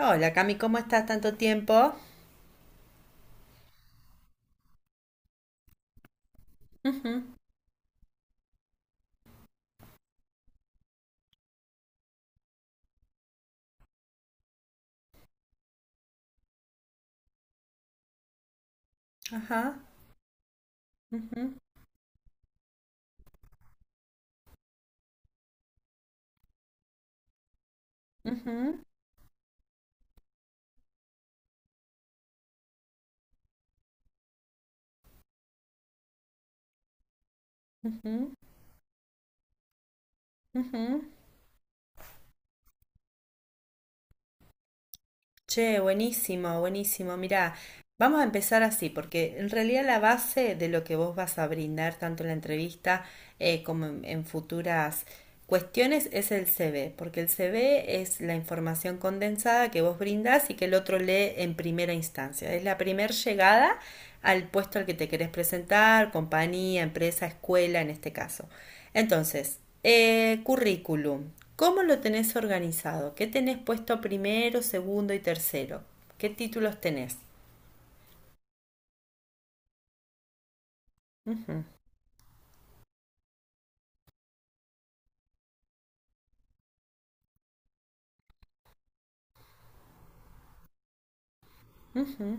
Hola Cami, ¿cómo estás? Tanto tiempo. Ujú. Ajá. Ujú, ujú, ujú, ujú. Che, buenísimo, buenísimo. Mirá, vamos a empezar así, porque en realidad la base de lo que vos vas a brindar tanto en la entrevista como en futuras cuestiones es el CV, porque el CV es la información condensada que vos brindás y que el otro lee en primera instancia. Es la primera llegada al puesto al que te querés presentar, compañía, empresa, escuela en este caso. Entonces, currículum, ¿cómo lo tenés organizado? ¿Qué tenés puesto primero, segundo y tercero? ¿Qué títulos tenés? Ujú, ujú.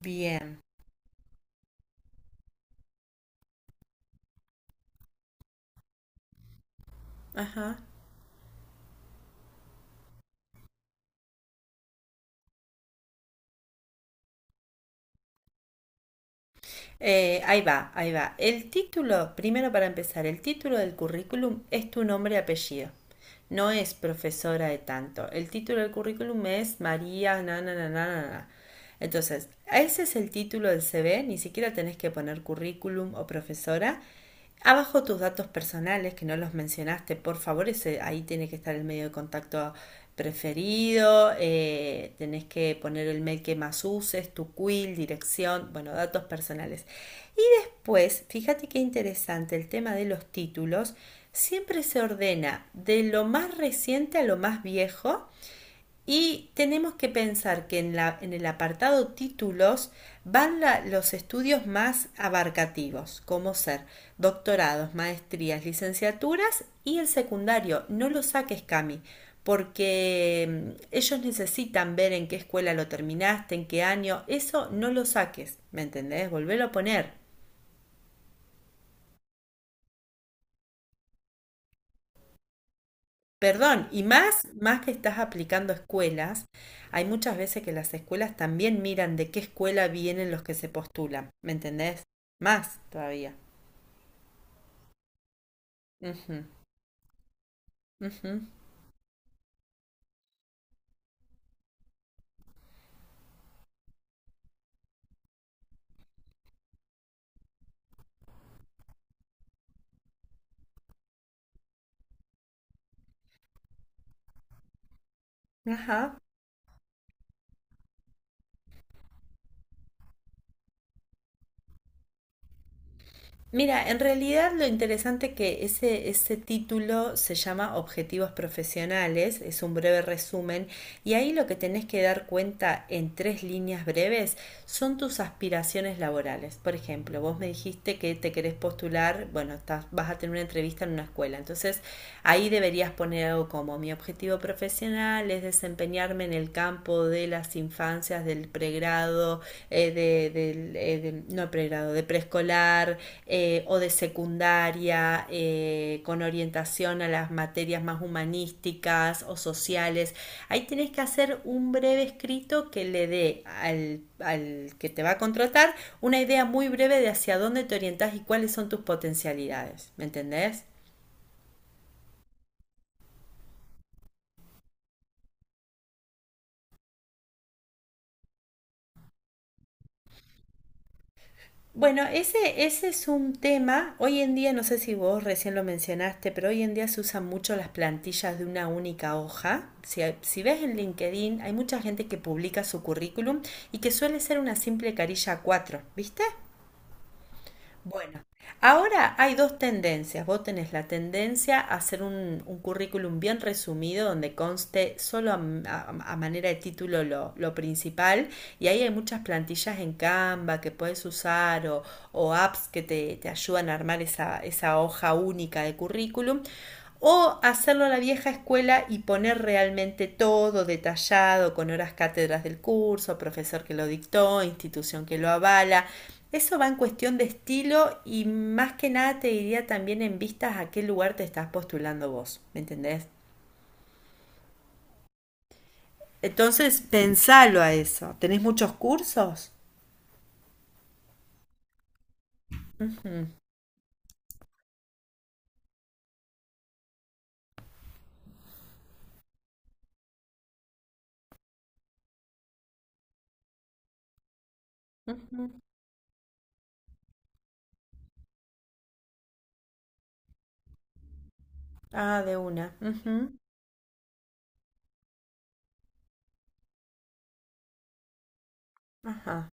Bien. Ajá. Ahí va, ahí va. El título, primero para empezar, el título del currículum es tu nombre y apellido, no es profesora de tanto. El título del currículum es María, na, na, na, na, na. Entonces, ese es el título del CV, ni siquiera tenés que poner currículum o profesora. Abajo tus datos personales, que no los mencionaste, por favor, ese, ahí tiene que estar el medio de contacto preferido. Tenés que poner el mail que más uses, tu quill, dirección, bueno, datos personales. Y pues fíjate qué interesante el tema de los títulos. Siempre se ordena de lo más reciente a lo más viejo, y tenemos que pensar que en el apartado títulos van los estudios más abarcativos, como ser doctorados, maestrías, licenciaturas y el secundario. No lo saques, Cami, porque ellos necesitan ver en qué escuela lo terminaste, en qué año. Eso no lo saques, ¿me entendés? Volvelo a poner. Perdón, y más que estás aplicando escuelas, hay muchas veces que las escuelas también miran de qué escuela vienen los que se postulan, ¿me entendés? Más todavía. Ujú, ujú. Ajá. Mira, en realidad lo interesante que ese título se llama Objetivos Profesionales, es un breve resumen, y ahí lo que tenés que dar cuenta en tres líneas breves son tus aspiraciones laborales. Por ejemplo, vos me dijiste que te querés postular, bueno, vas a tener una entrevista en una escuela, entonces ahí deberías poner algo como mi objetivo profesional es desempeñarme en el campo cuidado de las infancias, del pregrado, no pregrado, de preescolar, o de secundaria, con orientación a las materias más humanísticas o sociales. Ahí tenés que hacer un breve escrito que le dé al que te va a contratar una idea muy breve de hacia dónde te orientás y cuáles son tus potencialidades. ¿Me entendés? Bueno, ese es un tema. Hoy en día, no sé si vos recién lo mencionaste, pero hoy en día se usan mucho las plantillas de una única hoja. Si ves en LinkedIn, hay mucha gente que publica su currículum y que suele ser una simple carilla cuatro, ¿viste? Bueno, ahora hay dos tendencias. Vos tenés la tendencia a hacer un currículum bien resumido donde conste solo a manera de título lo principal, y ahí hay muchas plantillas en Canva que puedes usar, o apps que te ayudan a armar esa hoja única de currículum. O hacerlo a la vieja escuela y poner realmente todo detallado, con horas cátedras del curso, profesor que lo dictó, institución que lo avala. Eso va en cuestión de estilo, y más que nada te diría también en vistas a qué lugar te estás postulando vos, ¿me entendés? Entonces, pensalo a eso. ¿Tenés muchos cursos? Ujú, ujú. Ah, de una. Ujú. Ajá,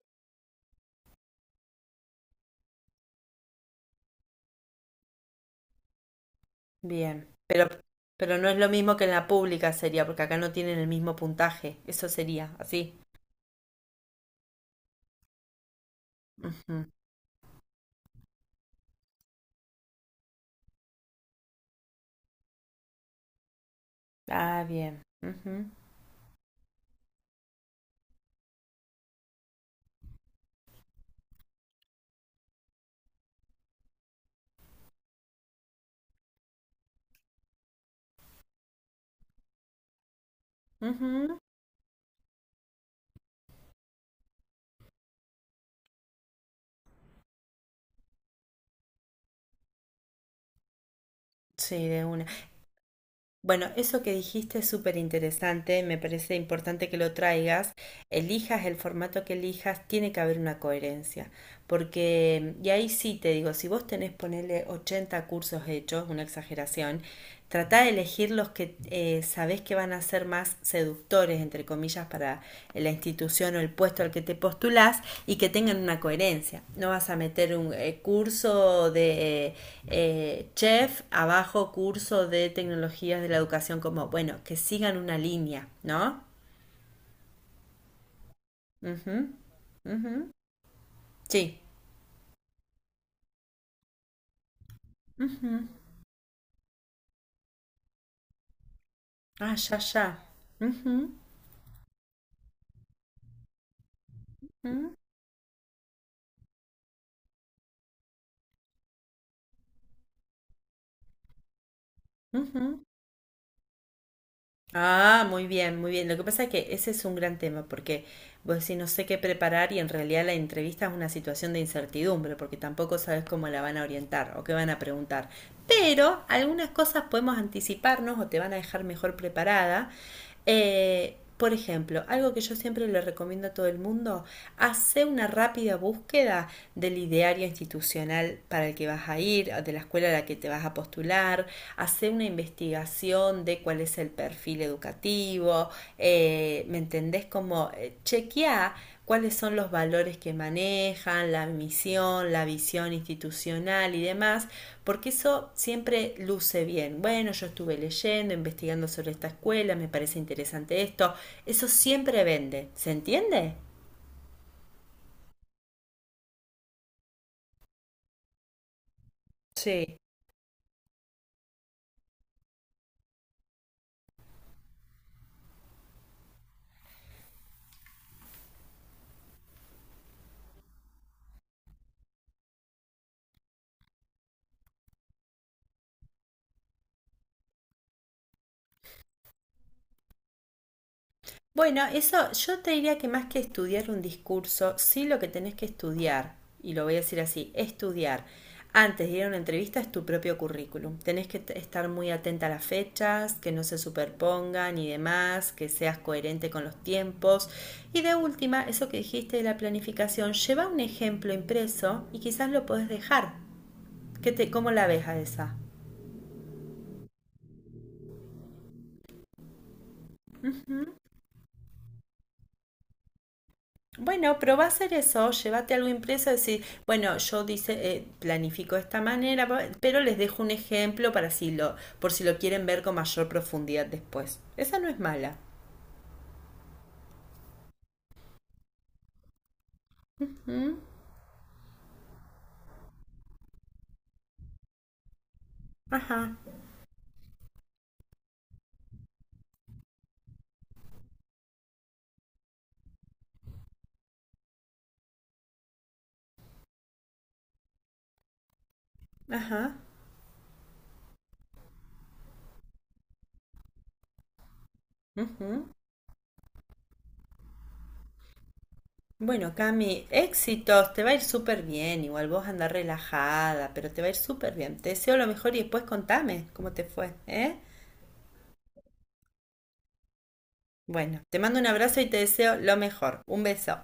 bien. Pero no es lo mismo que en la pública sería, porque acá no tienen el mismo puntaje. Eso sería, así. Ujú. Ah, bien. Ujú, ujú. Sí, de una. Bueno, eso que dijiste es súper interesante, me parece importante que lo traigas. Elijas el formato que elijas, tiene que haber una coherencia. Porque, y ahí sí te digo, si vos tenés, ponerle 80 cursos hechos, una exageración. Trata de elegir los que sabés que van a ser más seductores, entre comillas, para la institución o el puesto al que te postulás, y que tengan una coherencia. No vas a meter un curso de chef, abajo curso de tecnologías de la educación, como bueno, que sigan una línea, ¿no? Ujú, ujú. Sí. Ujú. Ah, ya, ya. Ujú, ujú, ujú. Ah, muy bien, muy bien. Lo que pasa es que ese es un gran tema, porque vos decís no sé qué preparar, y en realidad la entrevista es una situación de incertidumbre, porque tampoco sabes cómo la van a orientar o qué van a preguntar. Pero algunas cosas podemos anticiparnos o te van a dejar mejor preparada. Por ejemplo, algo que yo siempre le recomiendo a todo el mundo, hace una rápida búsqueda del ideario institucional para el que vas a ir, o de la escuela a la que te vas a postular curricular, hacer una investigación de cuál es el perfil educativo, ¿me entendés? Como chequear cuáles son los valores que manejan, la misión, la visión institucional y demás, porque eso siempre luce bien. Bueno, yo estuve leyendo, investigando sobre esta escuela, me parece interesante esto, eso siempre vende, ¿se entiende? Sí. Bueno, eso yo te diría que más que estudiar un discurso, sí, lo que tenés que estudiar, y lo voy a decir así, estudiar antes de ir a una entrevista es tu propio currículum. Tenés que estar muy atenta a las fechas, que no se superpongan y demás, que seas coherente con los tiempos. Y de última, eso que dijiste de la planificación, lleva un ejemplo impreso y quizás lo podés dejar. ¿Cómo la ves a esa? Bueno, pero a hacer eso, llévate algo impreso, decir, bueno, yo dice, planifico de esta manera, pero les dejo un ejemplo para si lo, por si lo quieren ver con mayor profundidad después. Esa no es mala. ¿Mm? Ajá, ajá. Ujú. Bueno, Cami, éxitos, te va a ir súper bien, igual vos andás relajada, pero te va a ir súper bien. Te deseo lo mejor, y después contame cómo te fue, ¿eh? Bueno, te mando un abrazo y te deseo lo mejor. Un beso.